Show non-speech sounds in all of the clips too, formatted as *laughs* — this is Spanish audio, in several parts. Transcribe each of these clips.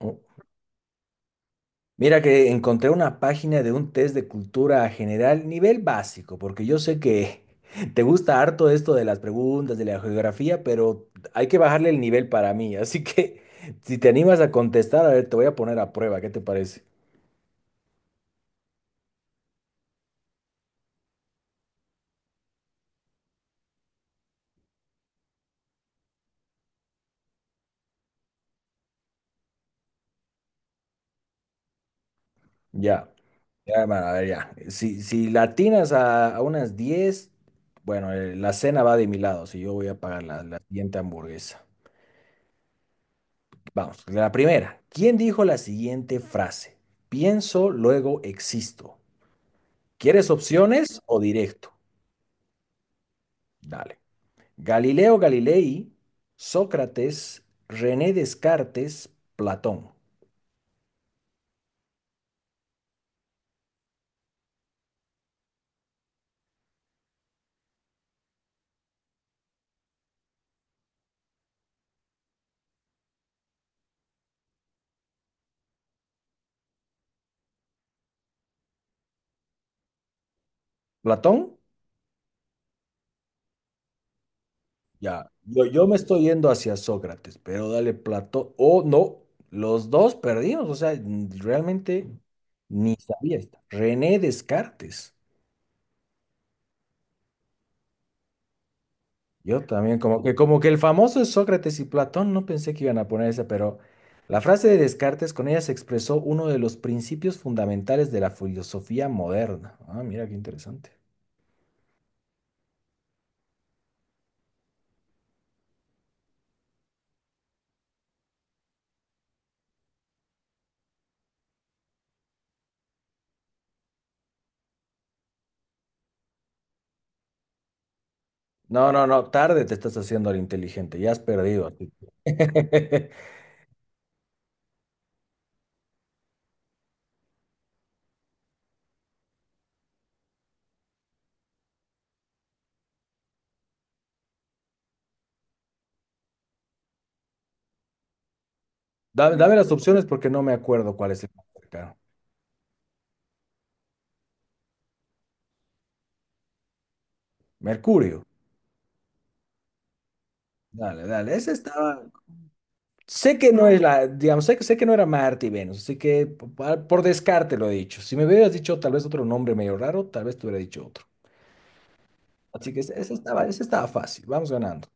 Oh, mira que encontré una página de un test de cultura general, nivel básico, porque yo sé que *laughs* te gusta harto esto de las preguntas, de la geografía, pero hay que bajarle el nivel para mí. Así que *laughs* si te animas a contestar, a ver, te voy a poner a prueba, ¿qué te parece? Ya, ya, hermano, a ver, ya. Si la atinas a unas diez, bueno, la cena va de mi lado, si yo voy a pagar la siguiente hamburguesa. Vamos, la primera. ¿Quién dijo la siguiente frase? Pienso, luego existo. ¿Quieres opciones o directo? Dale. Galileo Galilei, Sócrates, René Descartes, Platón. ¿Platón? Ya. Yo me estoy yendo hacia Sócrates, pero dale Platón. O no, los dos perdimos. O sea, realmente ni sabía esta. René Descartes. Yo también, como que el famoso Sócrates y Platón, no pensé que iban a poner esa, pero la frase de Descartes, con ella se expresó uno de los principios fundamentales de la filosofía moderna. Ah, mira qué interesante. No, no, no, tarde te estás haciendo al inteligente, ya has perdido aquí. *laughs* Dame las opciones porque no me acuerdo cuál es el más cercano. Mercurio. Dale, dale, ese estaba. Sé que no es la, digamos, sé sé que no era Marte y Venus, así que por descarte lo he dicho. Si me hubieras dicho tal vez otro nombre medio raro, tal vez te hubiera dicho otro. Así que ese estaba, ese estaba fácil, vamos ganando.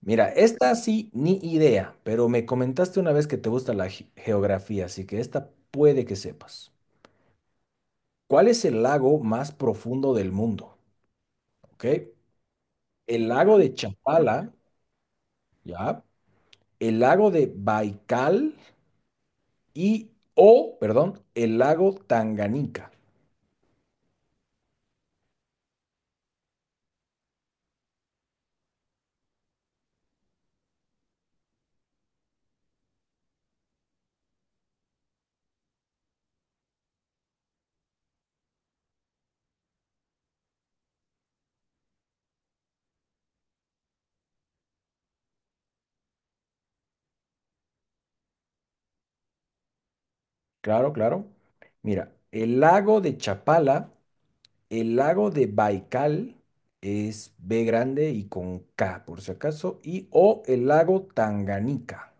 Mira, esta sí, ni idea, pero me comentaste una vez que te gusta la geografía, así que esta puede que sepas. ¿Cuál es el lago más profundo del mundo? ¿Ok? El lago de Chapala, ¿ya? El lago de Baikal y, o, perdón, el lago Tanganica. Claro, claro. Mira, el lago de Chapala, el lago de Baikal es B grande y con K, por si acaso, y o el lago Tanganica.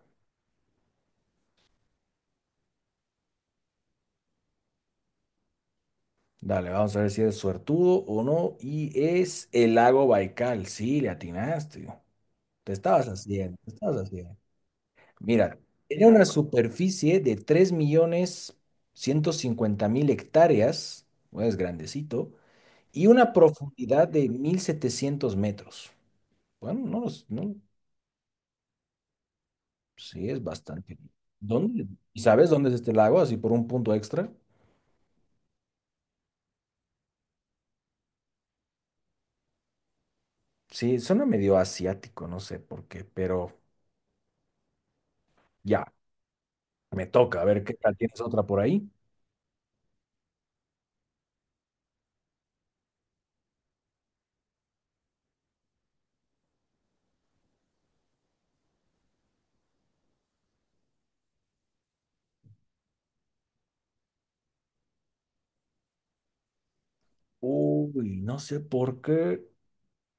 Dale, vamos a ver si eres suertudo o no. Y es el lago Baikal. Sí, le atinaste. Te estabas haciendo, te estabas haciendo. Mira, tiene una superficie de 3.150.000 hectáreas, bueno, es grandecito, y una profundidad de 1.700 metros. Bueno, no, sí, es bastante. ¿Dónde? ¿Y sabes dónde es este lago? Así por un punto extra. Sí, suena medio asiático, no sé por qué, pero ya, me toca. A ver, ¿qué tal? ¿Tienes otra por ahí? Uy, no sé por qué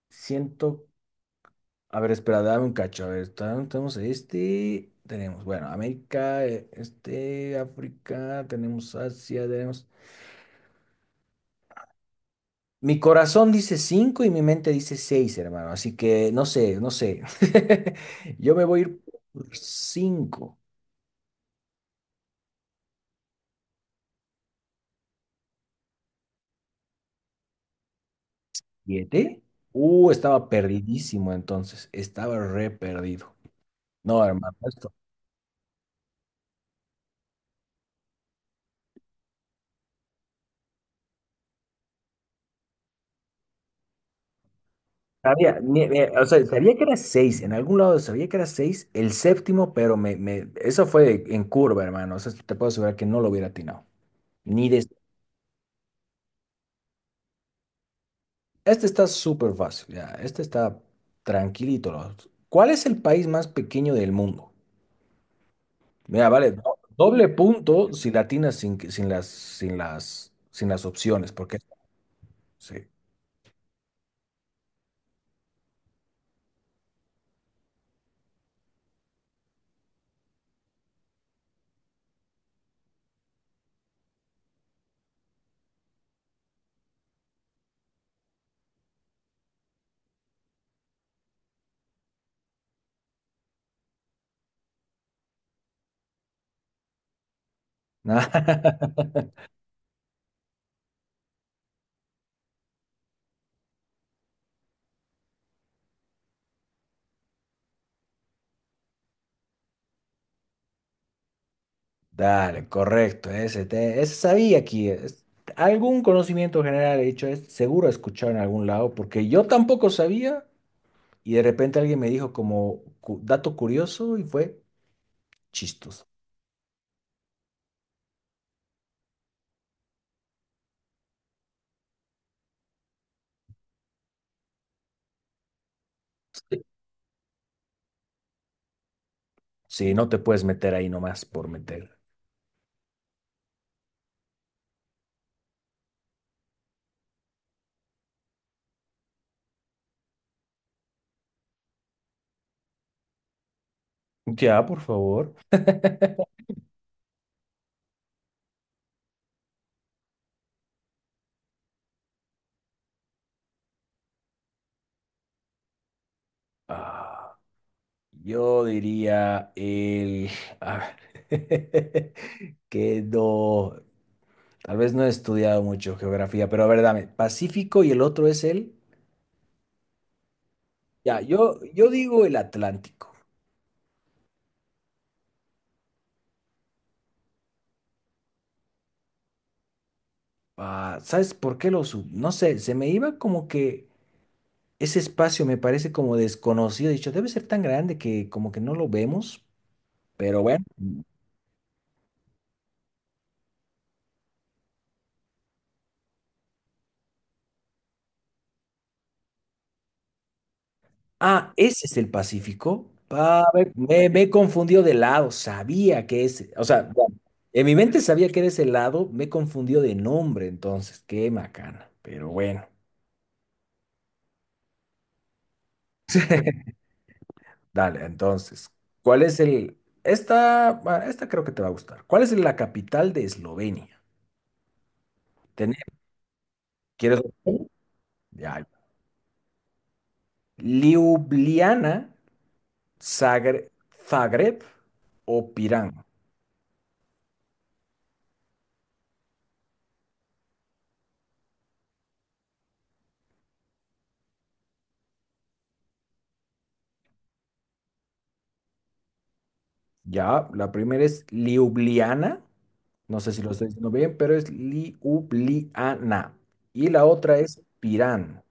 siento. A ver, espera, dame un cacho. A ver, tenemos este. Tenemos, bueno, América, este, África, tenemos Asia, tenemos. Mi corazón dice 5 y mi mente dice 6, hermano. Así que no sé, no sé. *laughs* Yo me voy a ir por 5. ¿7? Estaba perdidísimo entonces. Estaba re perdido. No, hermano, esto. Sabía, o sea, sabía que era 6. En algún lado sabía que era seis, el séptimo, pero eso fue en curva, hermano. O sea, te puedo asegurar que no lo hubiera atinado. Ni de... Este está súper fácil, ya. Este está tranquilito, ¿no? ¿Cuál es el país más pequeño del mundo? Mira, vale, doble punto si latinas sin, sin las, sin las opciones, porque sí. *laughs* Dale, correcto, ese sabía aquí. Algún conocimiento general he dicho, es, seguro he escuchado en algún lado, porque yo tampoco sabía y de repente alguien me dijo como dato curioso y fue chistoso. Sí, no te puedes meter ahí nomás por meter. Ya, por favor. Ah, yo diría el... *laughs* a ver, *laughs* que no... Tal vez no he estudiado mucho geografía, pero a ver, dame, Pacífico y el otro es el... Ya, yo digo el Atlántico. Ah, ¿sabes por qué lo sub? No sé, se me iba como que ese espacio me parece como desconocido. He dicho, debe ser tan grande que como que no lo vemos, pero bueno. Ah, ese es el Pacífico. Ah, me he confundido de lado, sabía que es, o sea, bueno, en mi mente sabía que era ese lado, me confundió de nombre, entonces, qué macana, pero bueno. *laughs* Dale, entonces, ¿cuál es el... esta, ah, esta creo que te va a gustar. ¿Cuál es la capital de Eslovenia? Tené- ¿Quieres? Ya. ¿Ljubljana, Zagre- Zagreb o Pirán? Ya, la primera es Ljubljana. No sé si lo estoy diciendo bien, pero es Ljubljana. Y la otra es Pirán.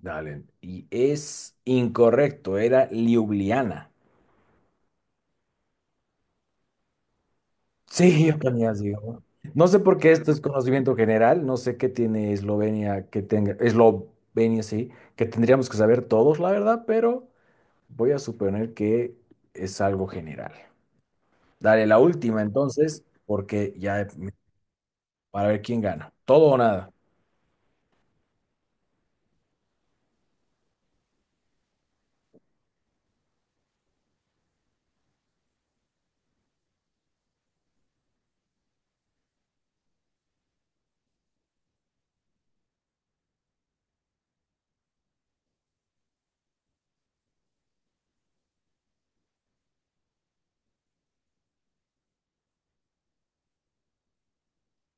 Dale. Y es incorrecto, era Ljubljana. Sí, yo también así, ¿no? No sé por qué esto es conocimiento general, no sé qué tiene Eslovenia que tenga, Eslovenia sí, que tendríamos que saber todos, la verdad, pero voy a suponer que es algo general. Dale, la última entonces, porque ya, para ver quién gana. Todo o nada.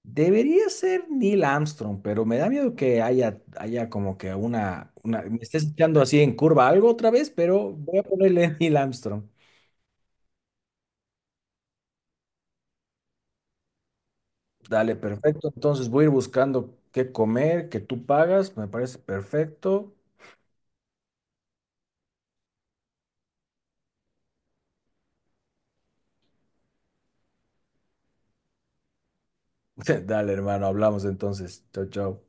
Debería ser Neil Armstrong, pero me da miedo que haya, haya como que una... me estés echando así en curva algo otra vez, pero voy a ponerle *laughs* Neil Armstrong. Dale, perfecto. Entonces voy a ir buscando qué comer, que tú pagas. Me parece perfecto. *laughs* Dale, hermano, hablamos entonces. Chao, chao.